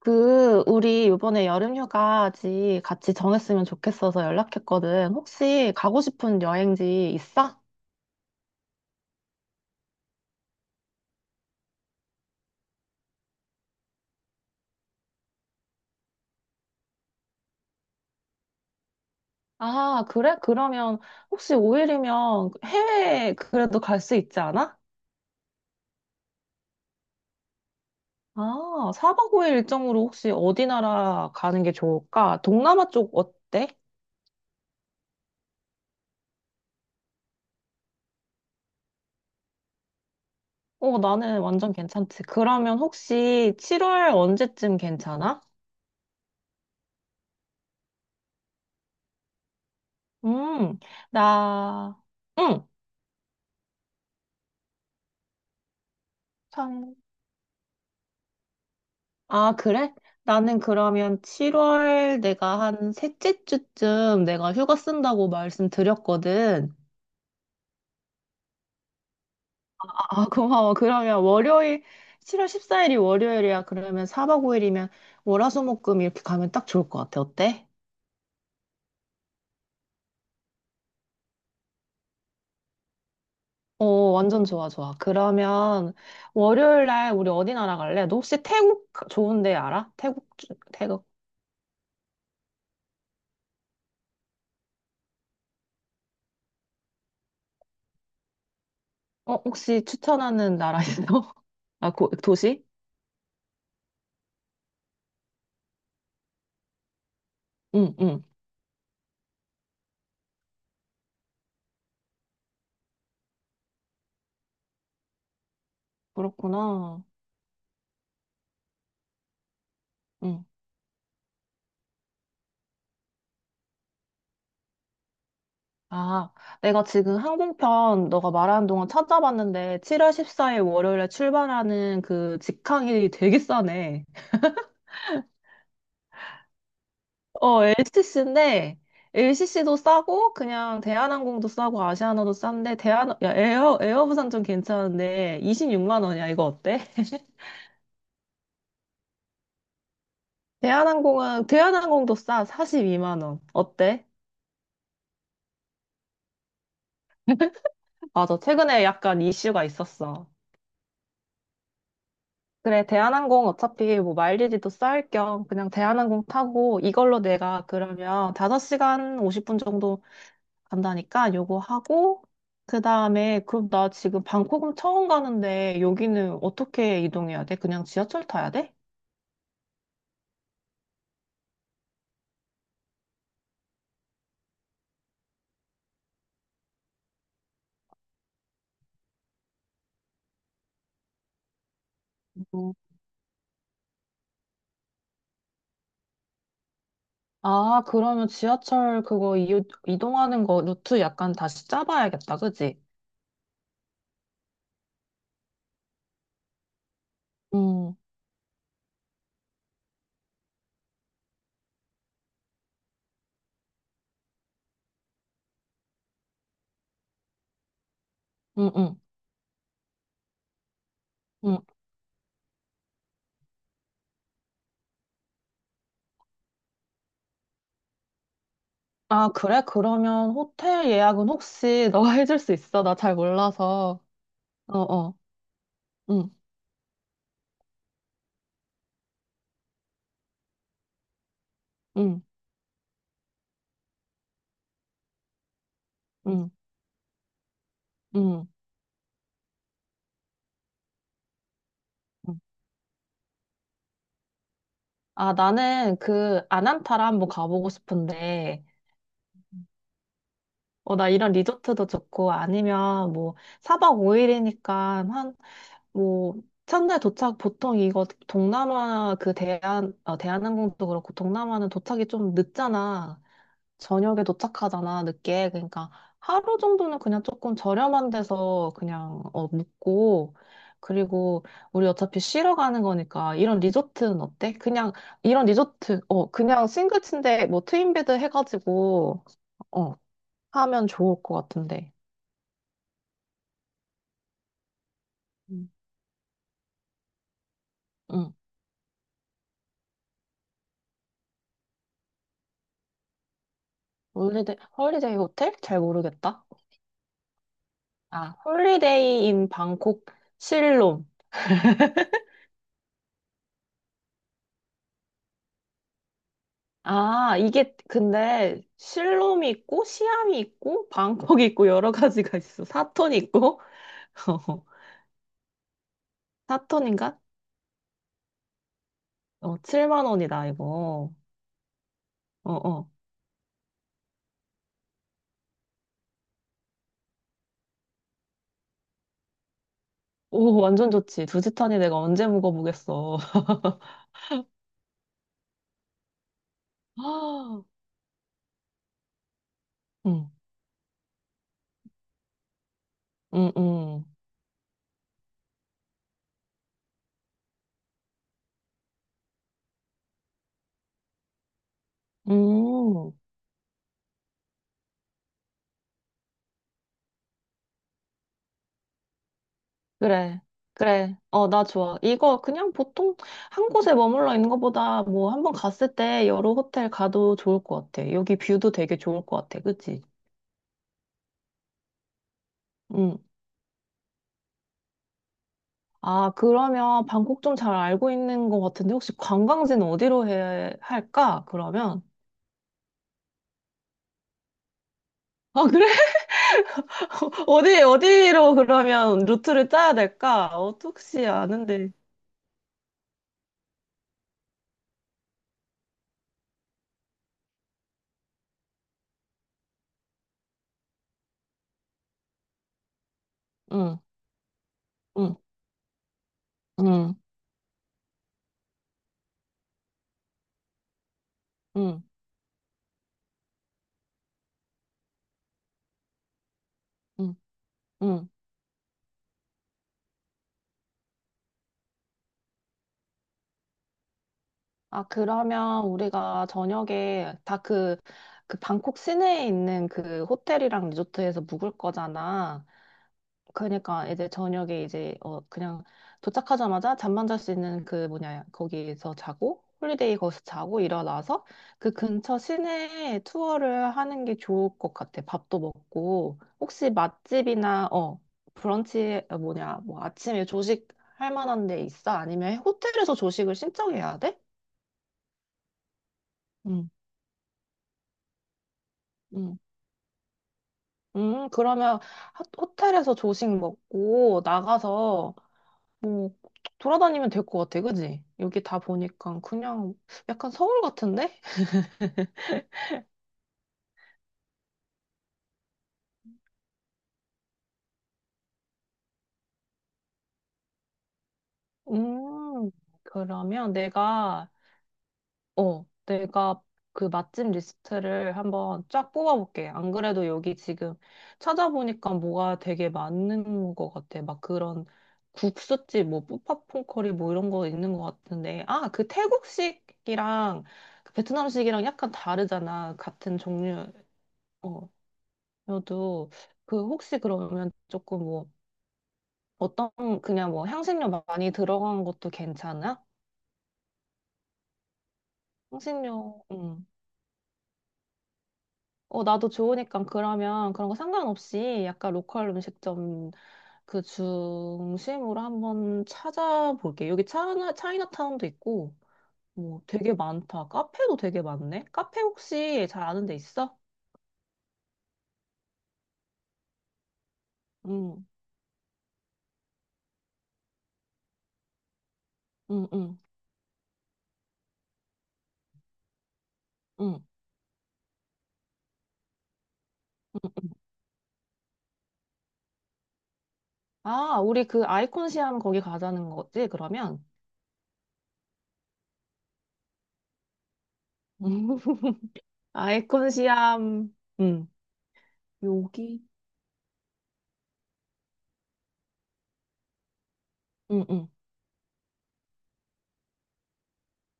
우리 이번에 여름휴가지 같이 정했으면 좋겠어서 연락했거든. 혹시 가고 싶은 여행지 있어? 아, 그래? 그러면 혹시 5일이면 해외 그래도 갈 수 있지 않아? 아, 4박 5일 일정으로 혹시 어디 나라 가는 게 좋을까? 동남아 쪽 어때? 어, 나는 완전 괜찮지. 그러면 혹시 7월 언제쯤 괜찮아? 음, 나, 응. 아, 그래? 나는 그러면 7월 내가 한 셋째 주쯤 내가 휴가 쓴다고 말씀드렸거든. 아, 고마워. 그러면 월요일, 7월 14일이 월요일이야. 그러면 4박 5일이면 월화수목금 이렇게 가면 딱 좋을 것 같아. 어때? 어, 완전 좋아, 좋아. 그러면 월요일 날 우리 어디 나라 갈래? 너 혹시 태국 좋은 데 알아? 태국, 태국. 어, 혹시 추천하는 나라 있어? 아, 고, 도시? 응, 응. 그렇구나. 응. 아, 내가 지금 항공편 너가 말하는 동안 찾아봤는데 7월 14일 월요일에 출발하는 그 직항이 되게 싸네. 어, LCC인데 LCC도 싸고 그냥 대한항공도 싸고 아시아나도 싼데 대한 야, 에어 에어부산 좀 괜찮은데 26만 원이야. 이거 어때? 대한항공은 대한항공도 싸. 42만 원. 어때? 맞아. 최근에 약간 이슈가 있었어. 그래, 대한항공 어차피 뭐 마일리지도 쌓을 겸 그냥 대한항공 타고 이걸로 내가 그러면 5시간 50분 정도 간다니까 요거 하고 그다음에 그럼 나 지금 방콕은 처음 가는데 여기는 어떻게 이동해야 돼? 그냥 지하철 타야 돼? 음. 아, 그러면 지하철 그거 이동하는 거 루트 약간 다시 짜봐야겠다. 그지? 음, 음, 음, 음. 아, 그래? 그러면 호텔 예약은 혹시 너가 해줄 수 있어? 나 잘 몰라서. 어, 어. 응. 응, 응, 응. 응. 아, 나는 그 아난타라 한번 가보고 싶은데, 어, 나 이런 리조트도 좋고, 아니면 뭐, 4박 5일이니까 한, 뭐, 첫날 도착, 보통 이거 동남아 그 대한, 어, 대한항공도 그렇고, 동남아는 도착이 좀 늦잖아. 저녁에 도착하잖아, 늦게. 그러니까 하루 정도는 그냥 조금 저렴한 데서 그냥 어, 묵고, 그리고 우리 어차피 쉬러 가는 거니까 이런 리조트는 어때? 그냥 이런 리조트, 어, 그냥 싱글침대 뭐 트윈베드 해가지고, 어, 하면 좋을 것 같은데. 음. 응. 홀리데이 호텔? 잘 모르겠다. 아, 홀리데이 인 방콕 실롬. 아, 이게 근데 실롬이 있고 시암이 있고 방콕이 있고 여러 가지가 있어. 사톤 있고. 사톤인가? 어, 7만 원이다 이거. 어, 어. 오, 완전 좋지. 두지탄이 내가 언제 묵어보겠어. 아, 응, 응, 응. 음, 그래. 그래. 어, 나 좋아. 이거 그냥 보통 한 곳에 머물러 있는 것보다 뭐 한번 갔을 때 여러 호텔 가도 좋을 것 같아. 여기 뷰도 되게 좋을 것 같아. 그치? 응, 아, 그러면 방콕 좀 잘 알고 있는 것 같은데 혹시 관광지는 어디로 해 할까? 그러면 아, 그래? 어디 어디로 그러면 루트를 짜야 될까? 어, 혹시 아는데. 응, 응, 응, 응, 응, 응. 아, 그러면 우리가 저녁에 다 그 방콕 시내에 있는 그 호텔이랑 리조트에서 묵을 거잖아. 그러니까 이제 저녁에 이제 어 그냥 도착하자마자 잠만 잘 수 있는 그 뭐냐 거기에서 자고 홀리데이 거기서 자고 일어나서 그 근처 시내 투어를 하는 게 좋을 것 같아. 밥도 먹고 혹시 맛집이나 어 브런치 어, 뭐냐 뭐 아침에 조식 할 만한 데 있어? 아니면 호텔에서 조식을 신청해야 돼? 응, 응. 그러면 호텔에서 조식 먹고 나가서 뭐 돌아다니면 될 것 같아, 그지? 여기 다 보니까 그냥 약간 서울 같은데? 음, 그러면 내가, 어, 내가 그 맛집 리스트를 한번 쫙 뽑아볼게. 안 그래도 여기 지금 찾아보니까 뭐가 되게 많은 것 같아. 막 그런 국수집, 뭐, 푸팟퐁 커리 뭐 이런 거 있는 것 같은데. 아, 그 태국식이랑 그 베트남식이랑 약간 다르잖아. 같은 종류. 어, 저도 그 혹시 그러면 조금 뭐 어떤 그냥 뭐 향신료 많이 들어간 것도 괜찮아? 향신료, 어, 나도 좋으니까 그러면 그런 거 상관없이 약간 로컬 음식점 그 중심으로 한번 찾아볼게. 여기 차이나타운도 있고 뭐 되게 많다. 카페도 되게 많네. 카페 혹시 잘 아는 데 있어? 응, 응, 응, 응. 응, 응. 아, 우리 그 아이콘 시암 거기 가자는 거지, 그러면? 아이콘 시암, 음, 여기, 음, 음.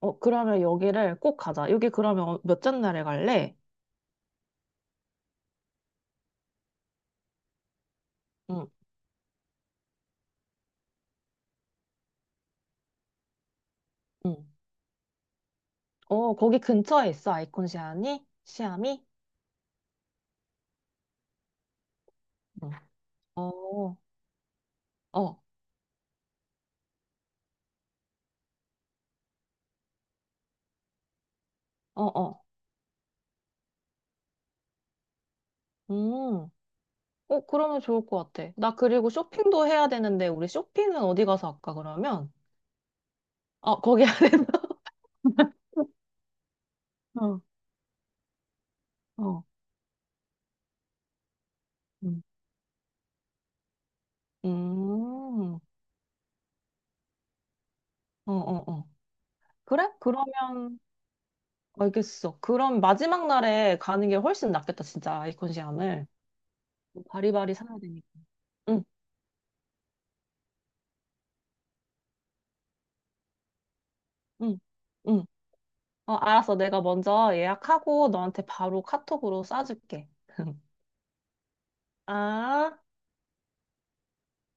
어, 그러면 여기를 꼭 가자. 여기 그러면 몇째 날에 갈래? 응, 응, 어, 거기 근처에 있어, 아이콘 시암이? 시암이? 음. 어, 어, 어, 어. 음, 어, 그러면 좋을 것 같아. 나 그리고 쇼핑도 해야 되는데, 우리 쇼핑은 어디 가서 할까, 그러면? 어, 거기 안에 어, 어. 음, 어, 어, 어. 그래? 그러면, 알겠어. 그럼 마지막 날에 가는 게 훨씬 낫겠다, 진짜, 아이콘시암을. 바리바리 사야 되니까. 응, 응, 응. 어, 알았어. 내가 먼저 예약하고 너한테 바로 카톡으로 쏴줄게. 아.